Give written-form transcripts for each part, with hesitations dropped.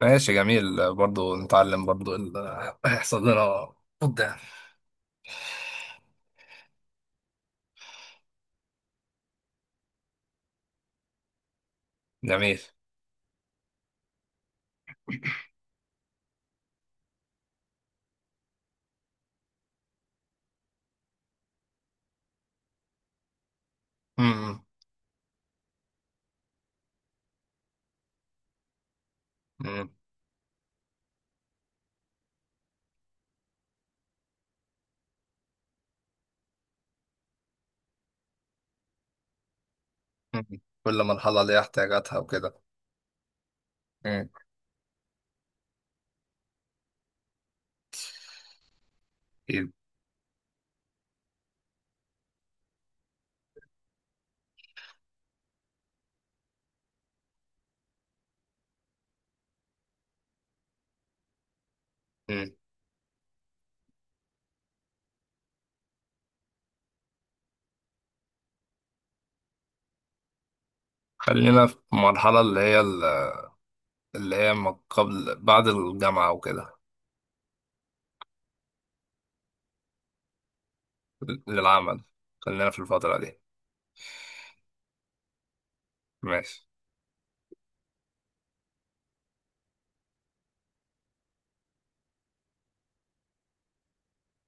ماشي، جميل. برضو نتعلم برضو اللي هيحصل لنا قدام. جميل. مم. مم. مم. كل مرحلة ليها احتياجاتها وكده. مم. أكيد. مم. خلينا في المرحلة اللي هي ما قبل بعد الجامعة وكده. للعمل. خلينا في الفترة دي. ماشي.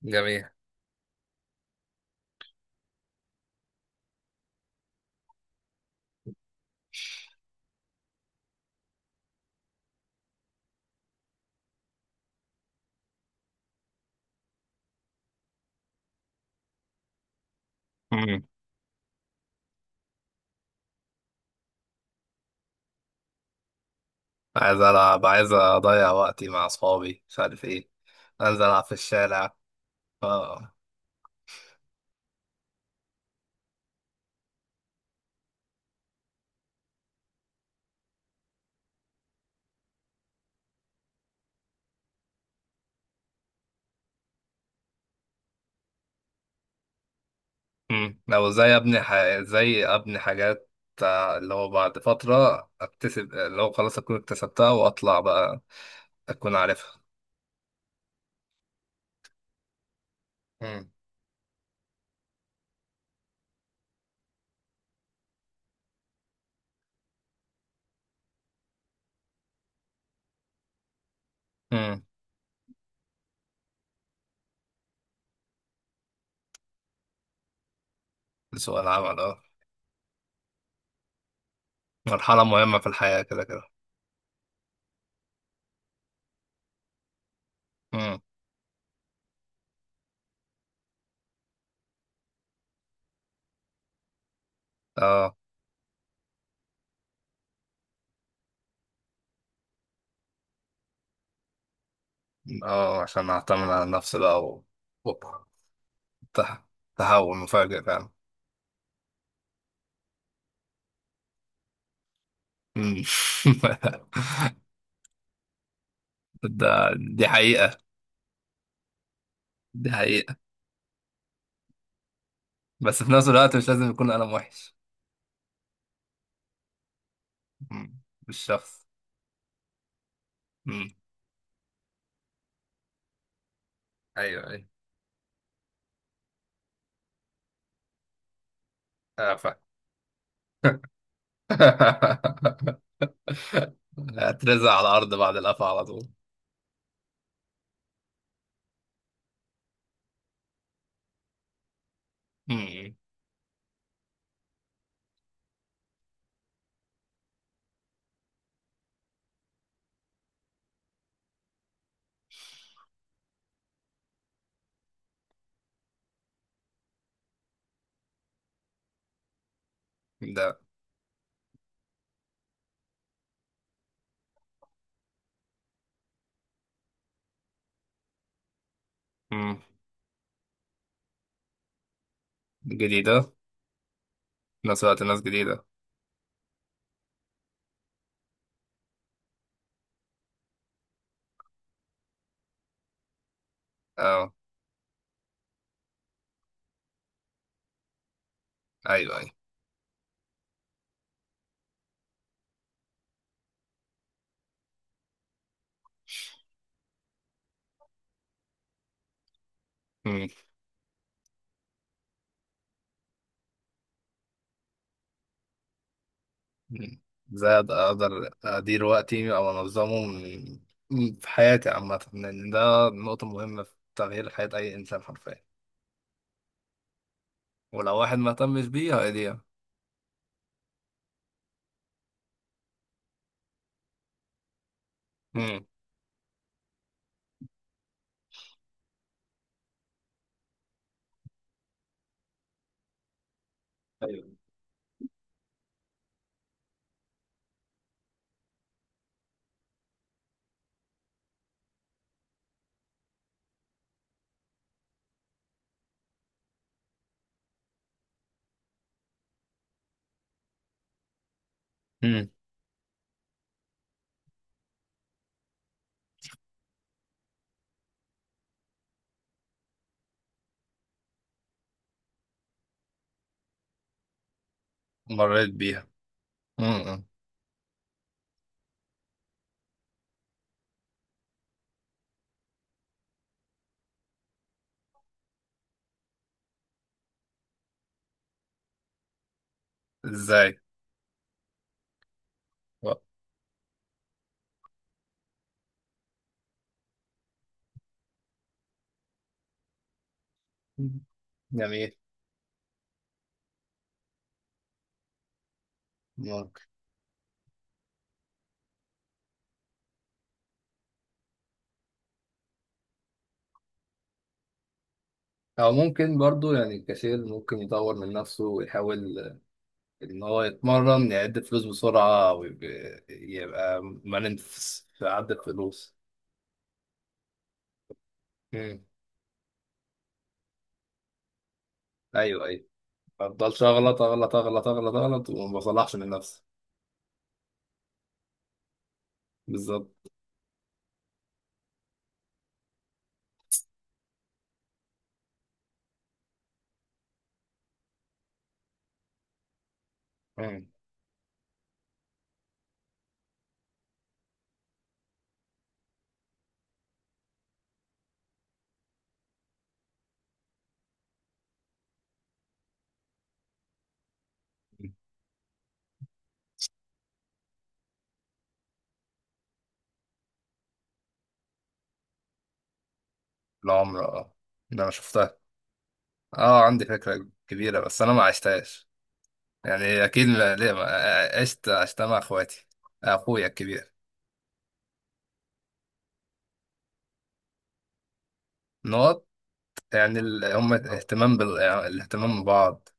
جميل. مم. عايز ألعب، عايز أضيع وقتي مع أصحابي، مش عارف إيه. أنزل ألعب في الشارع. آه. مم. لو ازاي ابني ح... ازاي ابني حاجات، اللي هو بعد فترة اكتسب، اللي هو خلاص اكون اكتسبتها واطلع بقى، اكون عارفها. مم. مم. سؤال عمل، اه. مرحلة مهمة في الحياة كده كده. مم. اه. اه، عشان اعتمد على نفسي بقى و... ت- تحول مفاجئ فعلا. مم. ده، دي حقيقة، دي حقيقة. بس في نفس الوقت مش لازم يكون قلم وحش. مم. بالشخص. مم. ايوه، ايوه. فاهم. هترزع على الأرض بعد القفا على طول. مم. ده. مم. جديدة. في نفس الوقت ناس جديدة. اه. أيوه، أيوه. مم. مم. ازاي أقدر أدير وقتي أو أنظمه في حياتي عامة، لأن ده نقطة مهمة في تغيير حياة أي إنسان حرفيا. ولو واحد ما اهتمش بيها هيضيع. مم. أيوه. مم. مريت بيها. مم. مم. إزاي؟ و- مم. جميل. أو ممكن برضو يعني الكاشير ممكن يطور من نفسه ويحاول إن هو يتمرن يعد فلوس بسرعة ويبقى مرن في عد الفلوس. مم. أيوه، أيوه. ما أفضلش أغلط أغلط أغلط أغلط أغلط وما بصلحش من نفسي. بالظبط. مم. العمر، أه. ده أنا شفتها. أه، عندي فكرة كبيرة بس أنا ما عشتهاش. يعني أكيد، ليه ما عشتها مع إخواتي، أخويا الكبير. نقط. يعني هم اهتمام الاهتمام ببعض،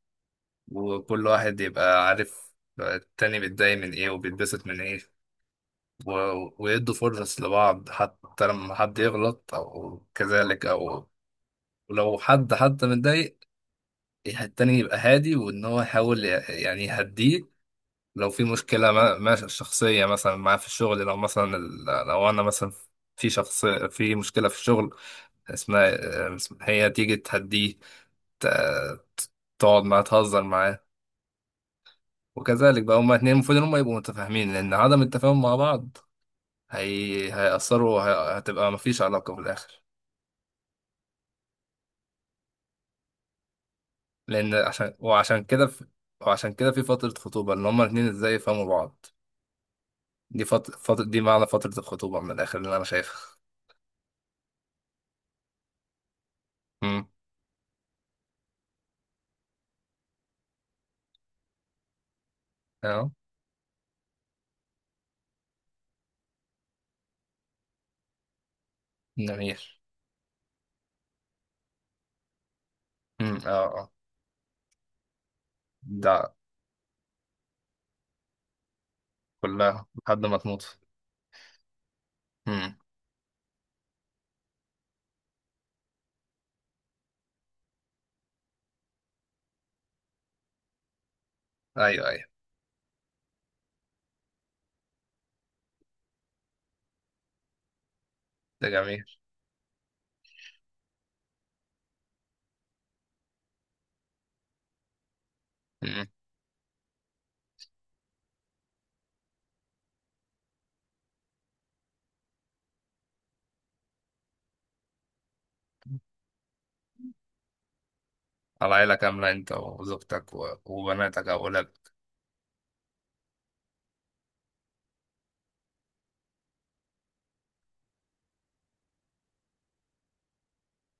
وكل واحد يبقى عارف التاني بيتضايق من ايه وبيتبسط من ايه. ويدوا فرص لبعض حتى لما حد يغلط او كذلك او لو حد حتى متضايق، التاني يبقى هادي وان هو يحاول يعني يهديه. لو في مشكلة ما شخصية مثلا معاه في الشغل، لو مثلا لو انا مثلا في شخص في مشكلة في الشغل، اسمها هي تيجي تهديه، ت- تقعد معاه تهزر معاه. وكذلك بقى هما اتنين المفروض ان هما يبقوا متفاهمين لان عدم التفاهم مع بعض هيأثروا، هتبقى مفيش علاقة في الآخر. لأن عشان وعشان كده وعشان كده في فترة خطوبة ان هما الاتنين ازاي يفهموا بعض. دي دي معنى فترة الخطوبة من الآخر اللي أنا شايفها. امم، اه. جميل. امم، اه، اه. ده، كلها لحد ما تموت. امم. ايوه، ايوه. ده جميل. امم. على عيلة كاملة، انت وزوجتك وبناتك أو ولادك.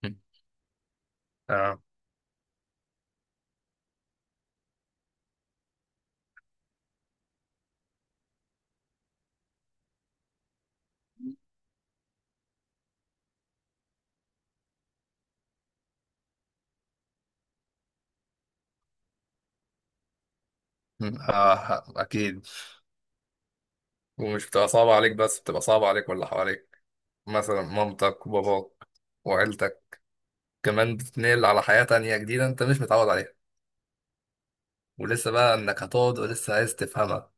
مم. اه. مم. اه، اكيد. ومش بتبقى صعبة عليك بس بتبقى صعبة عليك واللي حواليك، مثلا مامتك وباباك وعيلتك، كمان بتتنقل على حياة تانية جديدة انت مش متعود عليها. ولسه بقى انك هتقعد ولسه عايز تفهمها